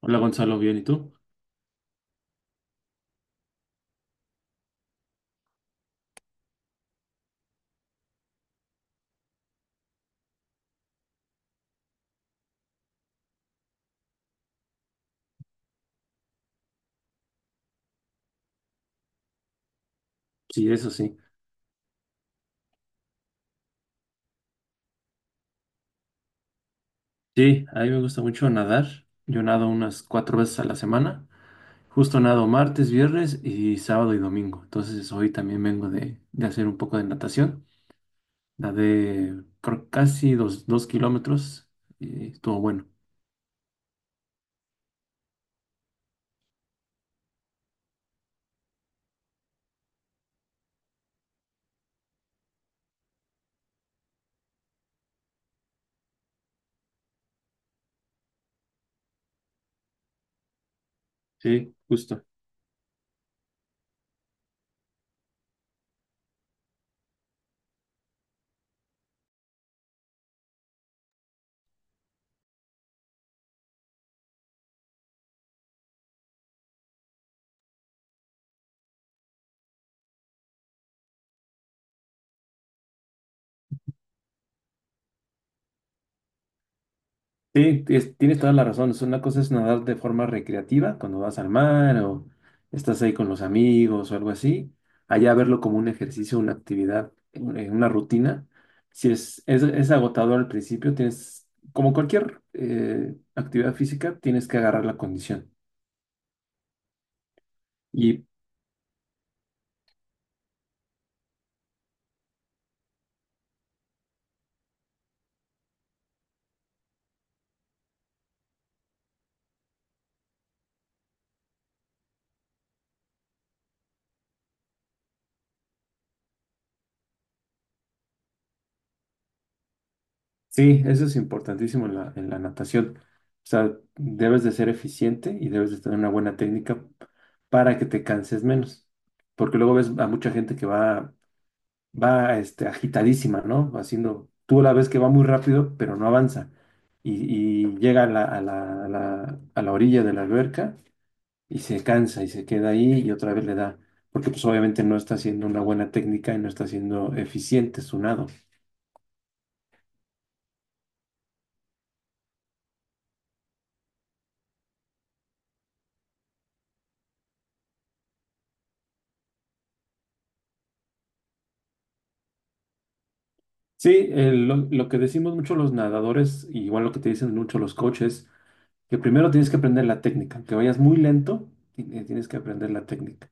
Hola Gonzalo, bien, ¿y tú? Sí, eso sí. Sí, a mí me gusta mucho nadar. Yo nado unas cuatro veces a la semana. Justo nado martes, viernes y sábado y domingo. Entonces hoy también vengo de hacer un poco de natación. Nadé por casi dos kilómetros y estuvo bueno. Sí, justo. Sí, tienes toda la razón. Es una cosa es nadar de forma recreativa cuando vas al mar o estás ahí con los amigos o algo así. Allá verlo como un ejercicio, una actividad, una rutina. Si es agotador al principio, tienes, como cualquier actividad física, tienes que agarrar la condición. Y sí, eso es importantísimo en la natación. O sea, debes de ser eficiente y debes de tener una buena técnica para que te canses menos. Porque luego ves a mucha gente que va agitadísima, ¿no? Haciendo, tú la ves que va muy rápido, pero no avanza. Y llega a la orilla de la alberca y se cansa y se queda ahí y otra vez le da, porque pues obviamente no está haciendo una buena técnica y no está siendo eficiente su nado. Sí, lo que decimos mucho los nadadores, y igual lo que te dicen mucho los coaches, que primero tienes que aprender la técnica, aunque vayas muy lento, tienes que aprender la técnica.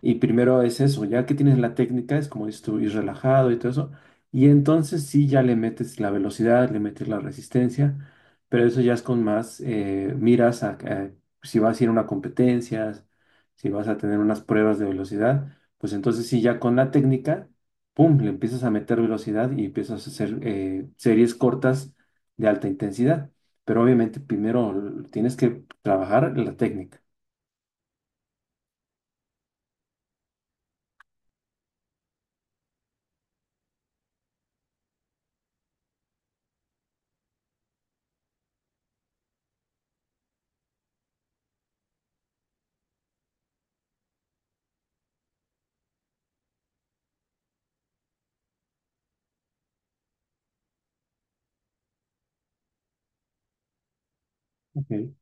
Y primero es eso, ya que tienes la técnica, es como dices tú, ir relajado y todo eso. Y entonces sí, ya le metes la velocidad, le metes la resistencia, pero eso ya es con más miras a si vas a ir a una competencia, si vas a tener unas pruebas de velocidad, pues entonces sí, ya con la técnica, pum, le empiezas a meter velocidad y empiezas a hacer series cortas de alta intensidad. Pero obviamente primero tienes que trabajar la técnica. Ok.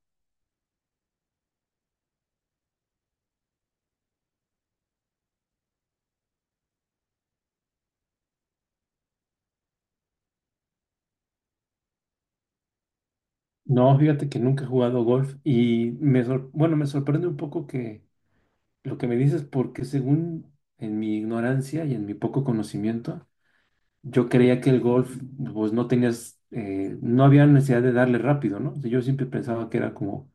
No, fíjate que nunca he jugado golf y me me sorprende un poco que lo que me dices porque según en mi ignorancia y en mi poco conocimiento, yo creía que el golf pues no tenías no había necesidad de darle rápido, ¿no? O sea, yo siempre pensaba que era como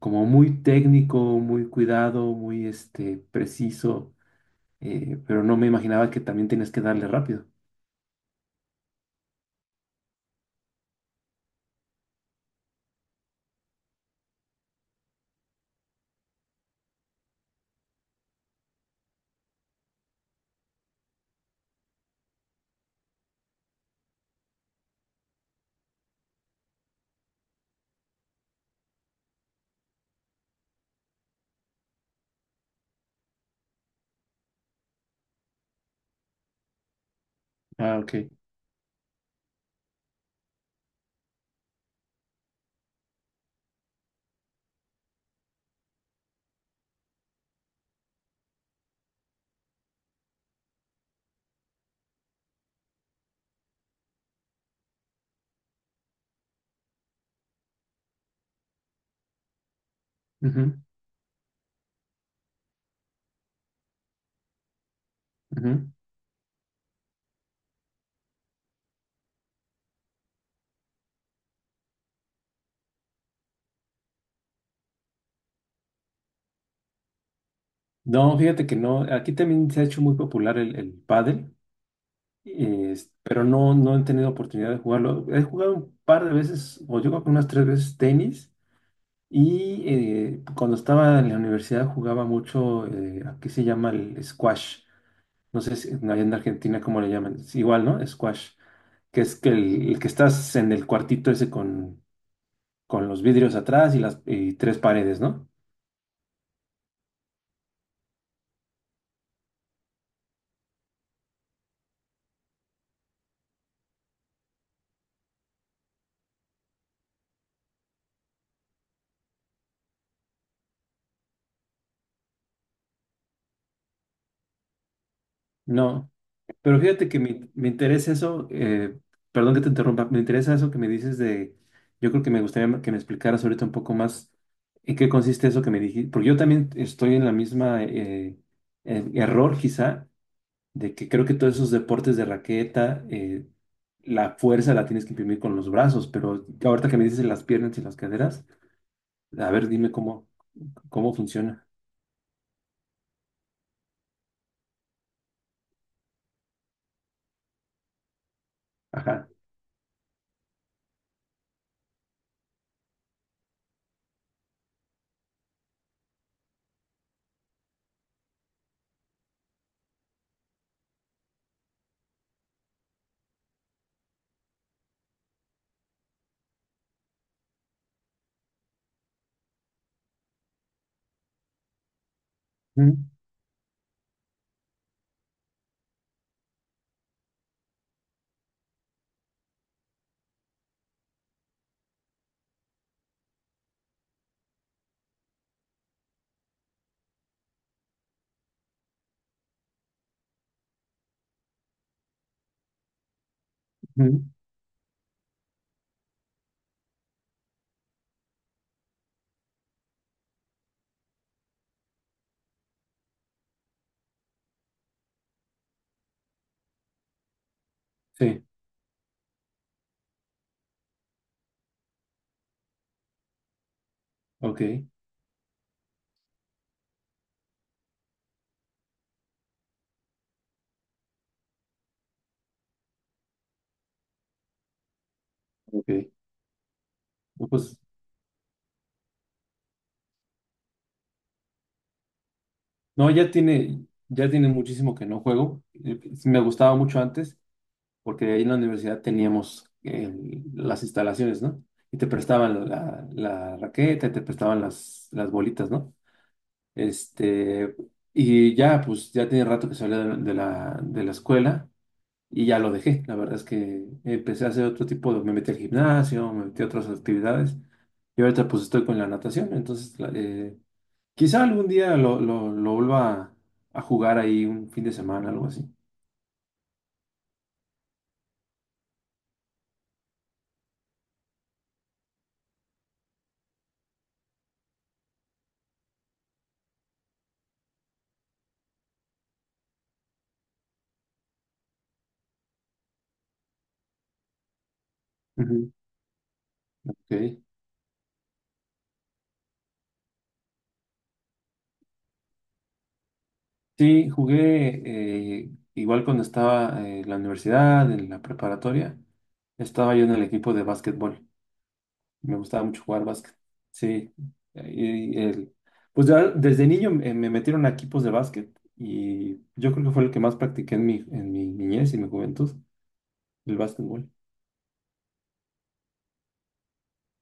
como muy técnico, muy cuidado, muy preciso, pero no me imaginaba que también tenías que darle rápido. Ah, ok. Ujú, ujú. No, fíjate que no, aquí también se ha hecho muy popular el pádel. Pero no, no he tenido oportunidad de jugarlo. He jugado un par de veces, o yo creo que unas tres veces tenis. Y cuando estaba en la universidad jugaba mucho, aquí se llama el squash. No sé si allá en Argentina cómo le llaman. Es igual, ¿no? Squash. Que es que el que estás en el cuartito ese con los vidrios atrás y las y tres paredes, ¿no? No. Pero fíjate que me interesa eso, perdón que te interrumpa, me interesa eso que me dices de, yo creo que me gustaría que me explicaras ahorita un poco más en qué consiste eso que me dijiste, porque yo también estoy en la misma error quizá, de que creo que todos esos deportes de raqueta, la fuerza la tienes que imprimir con los brazos, pero ahorita que me dices las piernas y las caderas, a ver, dime cómo, cómo funciona. Ajá. Mm, mm, sí, ok, ok. No, pues no, ya tiene muchísimo que no juego. Pues, me gustaba mucho antes, porque ahí en la universidad teníamos las instalaciones, ¿no? Y te prestaban la raqueta, y te prestaban las bolitas, ¿no? Este, y ya, pues ya tiene rato que salí de la escuela y ya lo dejé. La verdad es que empecé a hacer otro tipo de, me metí al gimnasio, me metí a otras actividades y ahorita pues estoy con la natación, entonces quizá algún día lo vuelva a jugar ahí un fin de semana, algo así. Ujú. Ok. Sí, jugué igual cuando estaba en la universidad, en la preparatoria. Estaba yo en el equipo de básquetbol. Me gustaba mucho jugar básquet. Sí. Y el, pues ya desde niño me metieron a equipos de básquet y yo creo que fue lo que más practiqué en mi niñez y mi juventud, el básquetbol.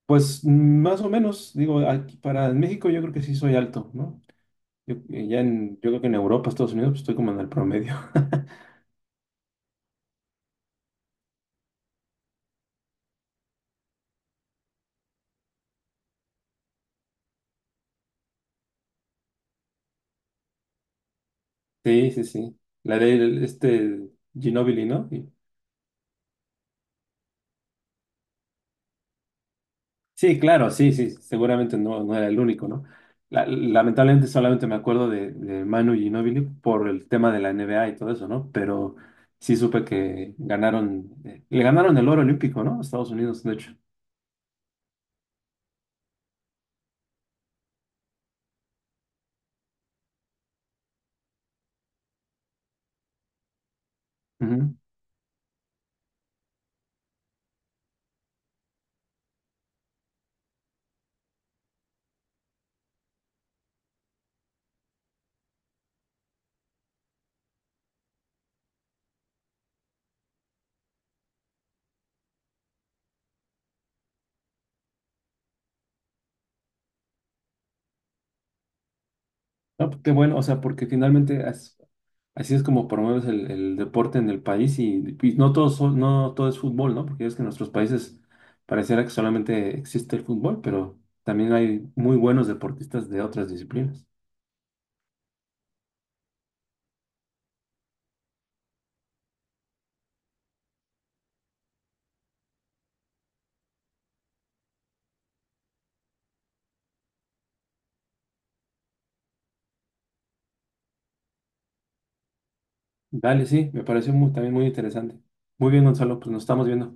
Pues mm, más o menos, digo, aquí para en México yo creo que sí soy alto, ¿no? Yo, yo creo que en Europa, Estados Unidos, pues estoy como en el promedio. Sí, sí, sí. La de Ginóbili, ¿no? Sí, claro, sí, sí. Seguramente no, no era el único, ¿no? Lamentablemente solamente me acuerdo de Manu Ginóbili por el tema de la NBA y todo eso, ¿no? Pero sí supe que ganaron, le ganaron el oro olímpico, ¿no? A Estados Unidos, de hecho. No, pues qué bueno, o sea, porque finalmente así es como promueves el deporte en el país y no todo, no todo es fútbol, ¿no? Porque es que en nuestros países pareciera que solamente existe el fútbol, pero también hay muy buenos deportistas de otras disciplinas. Dale, sí, me pareció muy, también muy interesante. Muy bien, Gonzalo, pues nos estamos viendo.